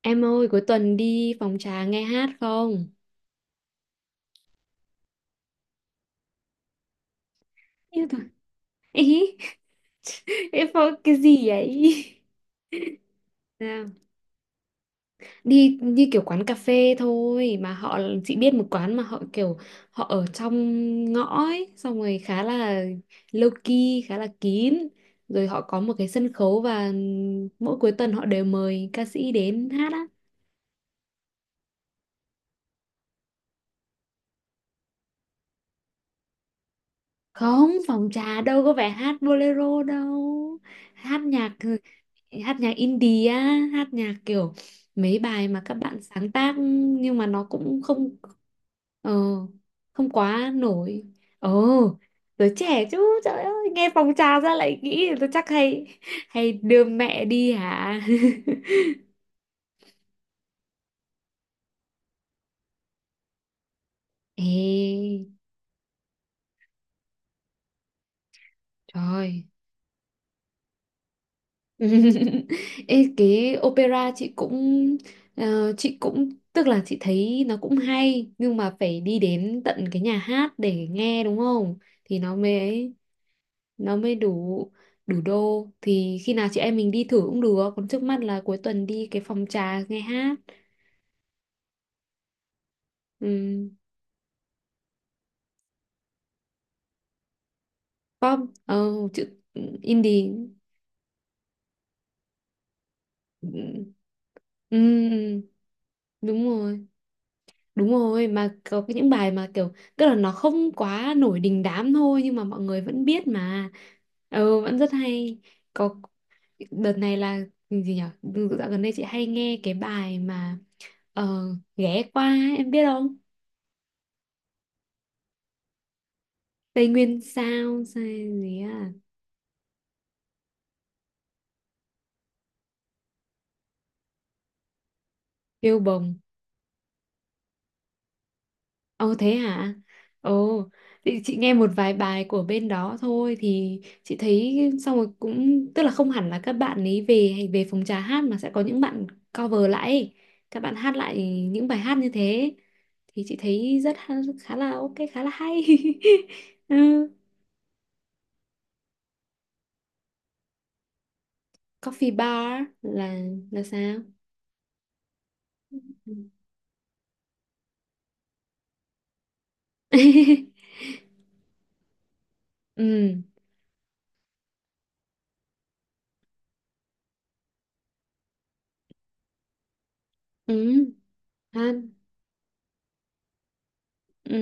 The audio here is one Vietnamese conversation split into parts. Em ơi, cuối tuần đi phòng trà nghe hát không? Yêu thôi. Ý, em phòng cái gì vậy? Sao? Đi như kiểu quán cà phê thôi mà họ chị biết một quán mà họ kiểu họ ở trong ngõ ấy, xong rồi khá là low key, khá là kín. Rồi họ có một cái sân khấu và mỗi cuối tuần họ đều mời ca sĩ đến hát á. Không phòng trà đâu có phải hát bolero đâu, hát nhạc, hát nhạc indie á, hát nhạc kiểu mấy bài mà các bạn sáng tác nhưng mà nó cũng không ờ, không quá nổi. Ờ, giới trẻ chứ trời ơi nghe phòng trà ra lại nghĩ là tôi chắc hay, hay đưa mẹ đi hả. Ê, trời. Ê, cái opera chị cũng chị cũng tức là chị thấy nó cũng hay nhưng mà phải đi đến tận cái nhà hát để nghe đúng không, thì nó mới ấy, nó mới đủ, đủ đô. Thì khi nào chị em mình đi thử cũng được, còn trước mắt là cuối tuần đi cái phòng trà nghe hát. um, Pop. Ờ, chữ indie. Ừ, ừ, đúng rồi. Đúng rồi, mà có cái những bài mà kiểu tức là nó không quá nổi đình đám thôi nhưng mà mọi người vẫn biết mà. Ừ, vẫn rất hay. Có, đợt này là ừ, gì nhở. Dạo gần đây chị hay nghe cái bài mà ờ, ghé qua ấy, em biết không? Tây Nguyên sao sao gì á, yêu bồng. Ồ thế hả? Ồ, thì chị nghe một vài bài của bên đó thôi thì chị thấy, xong rồi cũng tức là không hẳn là các bạn ấy về về phòng trà hát mà sẽ có những bạn cover lại ấy. Các bạn hát lại những bài hát như thế thì chị thấy rất khá là ok, khá là hay. Ừ. Coffee bar là sao? Ừ. Ừ. Ừ. Hát. Ừ.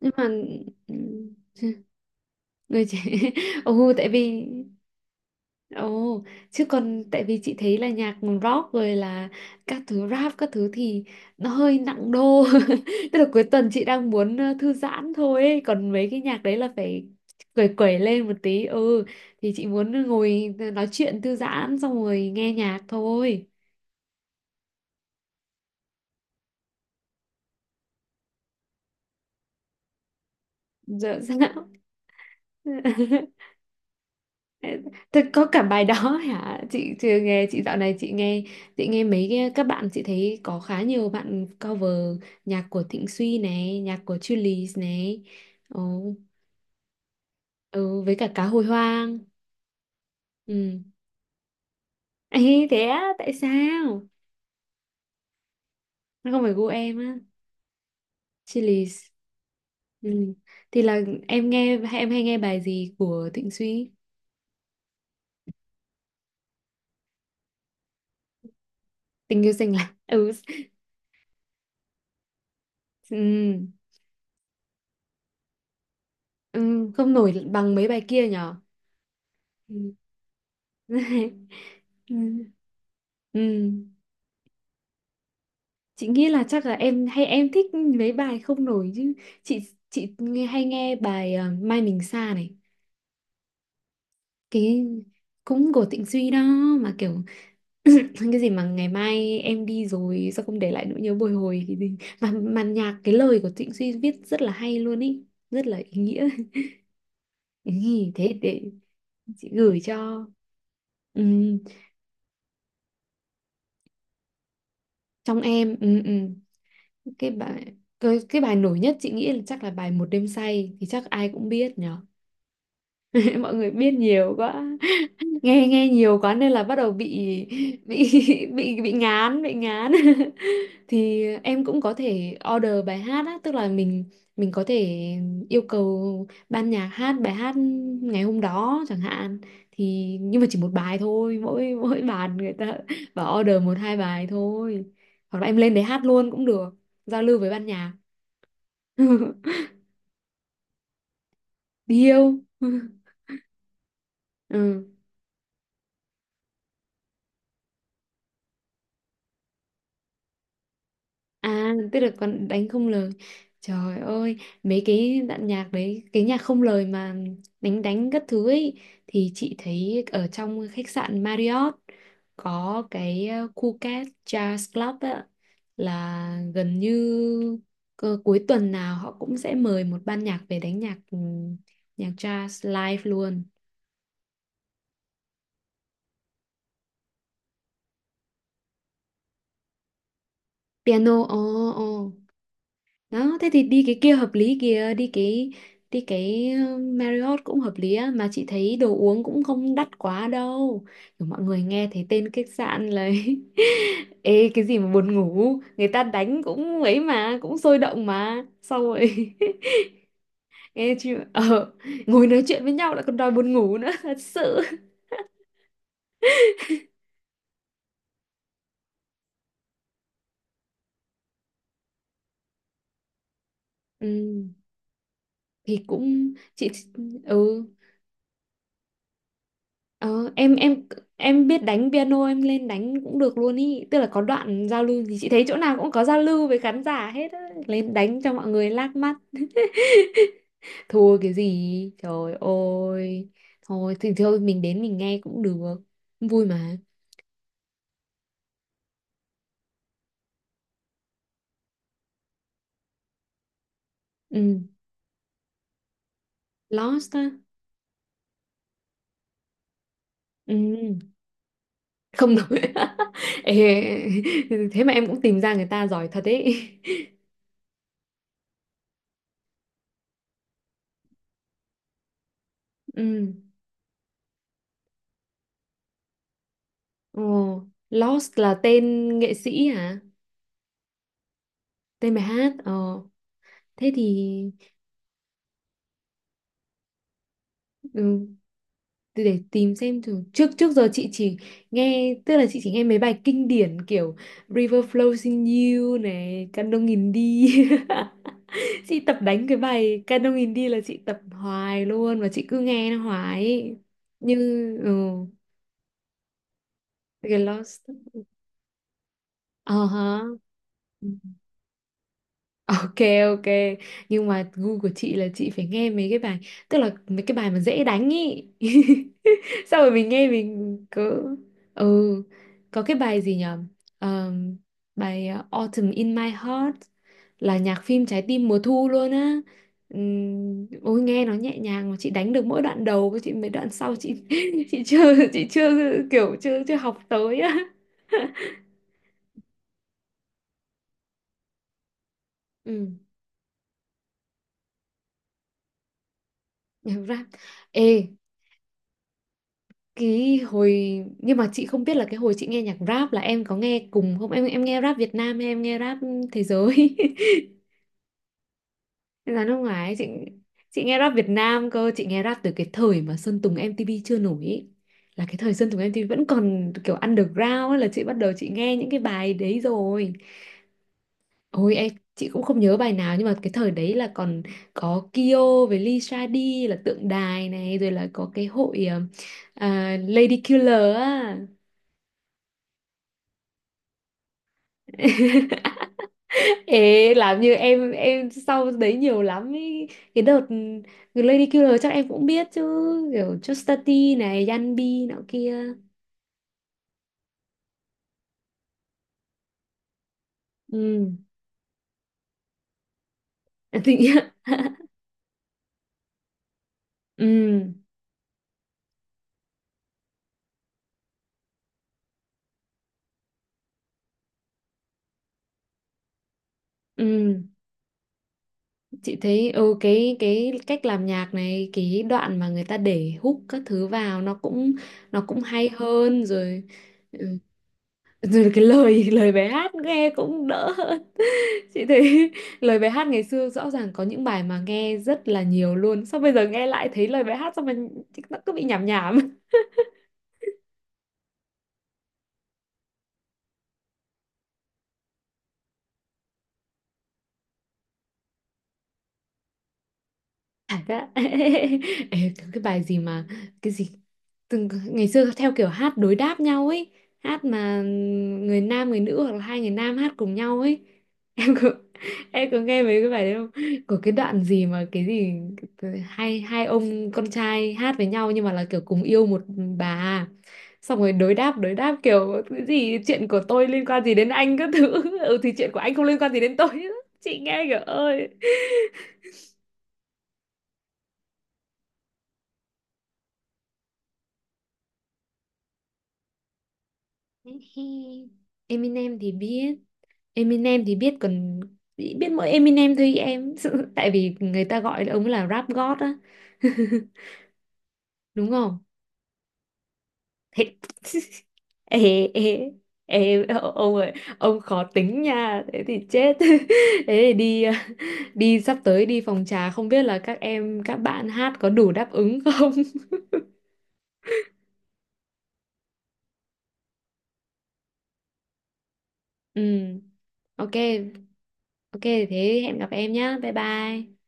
Nhưng mà ừ, người trẻ. Ồ, tại vì, Ồ, chứ còn tại vì chị thấy là nhạc rock rồi là các thứ rap các thứ thì nó hơi nặng đô. Tức là cuối tuần chị đang muốn thư giãn thôi ấy. Còn mấy cái nhạc đấy là phải quẩy quẩy lên một tí. Ừ, thì chị muốn ngồi nói chuyện thư giãn xong rồi nghe nhạc thôi. Dạ, dạ. Thật có cả bài đó hả? Chị chưa nghe, chị dạo này chị nghe, chị nghe mấy cái các bạn chị thấy có khá nhiều bạn cover nhạc của Thịnh Suy này, nhạc của Chillies này. Ồ, ừ, với cả cá hồi hoang. Ừ. Ê, thế á, tại sao? Nó không phải gu em á. Chillies. Ừ. Thì là em nghe, em hay nghe bài gì của Thịnh Suy? Tình yêu xanh lạnh. Ừ. Ừ. Ừ. Không nổi bằng mấy bài kia nhỉ? Ừ. Ừ. Ừ. Ừ. Chị nghĩ là chắc là em hay em thích mấy bài không nổi chứ chị chị nghe, hay nghe bài Mai Mình Xa này, cái cũng của Tịnh Duy đó, mà kiểu cái gì mà ngày mai em đi rồi sao không để lại nỗi nhớ bồi hồi, cái gì mà nhạc, cái lời của Trịnh Suy viết rất là hay luôn ý, rất là ý nghĩa. Ừ, thế để chị gửi cho. Ừ, trong em. Ừ, ừ. Cái bài, cái bài nổi nhất chị nghĩ là chắc là bài một đêm say thì chắc ai cũng biết nhở. Mọi người biết nhiều quá, nghe nghe nhiều quá nên là bắt đầu bị, bị ngán, bị ngán. Thì em cũng có thể order bài hát á, tức là mình có thể yêu cầu ban nhạc hát bài hát ngày hôm đó chẳng hạn, thì nhưng mà chỉ một bài thôi, mỗi mỗi bàn người ta bảo order một hai bài thôi, hoặc là em lên đấy hát luôn cũng được, giao lưu với ban nhạc. Điêu. Ừ. À tức là còn đánh không lời. Trời ơi, mấy cái đoạn nhạc đấy, cái nhạc không lời mà đánh, đánh các thứ ấy, thì chị thấy ở trong khách sạn Marriott có cái Phuket Jazz Club á, là gần như cuối tuần nào họ cũng sẽ mời một ban nhạc về đánh nhạc, ừ, nhạc jazz live luôn. Piano. Ồ. Oh, ồ. Đó, thế thì đi cái kia hợp lý kìa, đi cái, đi cái Marriott cũng hợp lý á, mà chị thấy đồ uống cũng không đắt quá đâu. Kiểu mọi người nghe thấy tên khách sạn lấy. Ê cái gì mà buồn ngủ, người ta đánh cũng ấy mà, cũng sôi động mà. Xong rồi Ê chị ờ, ngồi nói chuyện với nhau lại còn đòi buồn ngủ nữa, thật sự. Ừ, thì cũng chị ừ. Ờ, em, em biết đánh piano em lên đánh cũng được luôn ý, tức là có đoạn giao lưu thì chị thấy chỗ nào cũng có giao lưu với khán giả hết á, lên đánh cho mọi người lác mắt. Thua cái gì trời ơi, thôi thì thôi mình đến mình nghe cũng được, vui mà. Ừ. Lost á. Ừ. Không nổi. Ê, thế mà em cũng tìm ra người ta giỏi thật ấy. Ừ. Ồ, Lost là tên nghệ sĩ hả, tên bài hát, ờ, thế thì ừ. Từ để tìm xem thử. Trước, trước giờ chị chỉ nghe, tức là chị chỉ nghe mấy bài kinh điển kiểu River Flows in You này, Candong in đi. Chị tập đánh cái bài Candong in đi là chị tập hoài luôn, và chị cứ nghe nó hoài ấy. Như ừ, cái Lost. Ờ hả. Ừ. Ok, ok. Nhưng mà gu của chị là chị phải nghe mấy cái bài, tức là mấy cái bài mà dễ đánh ý. Sao rồi mình nghe mình cứ, ừ, có cái bài gì nhở. Ờm, Bài Autumn in My Heart, là nhạc phim Trái tim mùa thu luôn á. Ôi nghe nó nhẹ nhàng. Mà chị đánh được mỗi đoạn đầu, chị mấy đoạn sau chị chị chưa, chị chưa kiểu chưa chưa học tới á. Ừ, nhạc rap. Ê cái hồi, nhưng mà chị không biết là cái hồi chị nghe nhạc rap là em có nghe cùng không, em em nghe rap Việt Nam hay em nghe rap thế giới? Là nước ngoài ấy, chị nghe rap Việt Nam cơ, chị nghe rap từ cái thời mà Sơn Tùng MTP chưa nổi ý, là cái thời Sơn Tùng MTP vẫn còn kiểu underground ấy, là chị bắt đầu chị nghe những cái bài đấy rồi. Ôi em, chị cũng không nhớ bài nào nhưng mà cái thời đấy là còn có Kyo với Lisa D là tượng đài này, rồi là có cái hội à, Lady Killer á. Ê, làm như em sau đấy nhiều lắm ý. Cái đợt The Lady Killer chắc em cũng biết chứ, kiểu Chuspa T này, Yanbi nọ kia. Ừ. Thì ừ, ừ, chị thấy ừ, cái cách làm nhạc này, cái đoạn mà người ta để hook các thứ vào nó cũng, nó cũng hay hơn rồi. Ừ, rồi cái lời, lời bài hát nghe cũng đỡ hơn. Chị thấy lời bài hát ngày xưa rõ ràng có những bài mà nghe rất là nhiều luôn. Sao bây giờ nghe lại thấy lời bài hát sao mà nó cứ bị nhảm nhảm. Cảm giác, ê, cái bài gì mà, cái gì từng ngày xưa theo kiểu hát đối đáp nhau ấy, hát mà người nam người nữ hoặc là hai người nam hát cùng nhau ấy. Em có, em có nghe mấy cái bài đấy không, có cái đoạn gì mà cái gì hai hai ông con trai hát với nhau nhưng mà là kiểu cùng yêu một bà à, xong rồi đối đáp, đối đáp kiểu cái gì chuyện của tôi liên quan gì đến anh các thứ, ừ thì chuyện của anh không liên quan gì đến tôi. Chị nghe kiểu ơi. Eminem thì biết, Eminem thì biết còn, biết mỗi Eminem thôi em, tại vì người ta gọi ông là rap god á. Đúng không. Thế- ê, ê, ê, ông ơi, ông khó tính nha, thế thì chết. Thế thì đi đi sắp tới đi phòng trà không biết là các em các bạn hát có đủ đáp ứng không. Ừ, ok, ok, thế hẹn gặp em nhá, bye bye.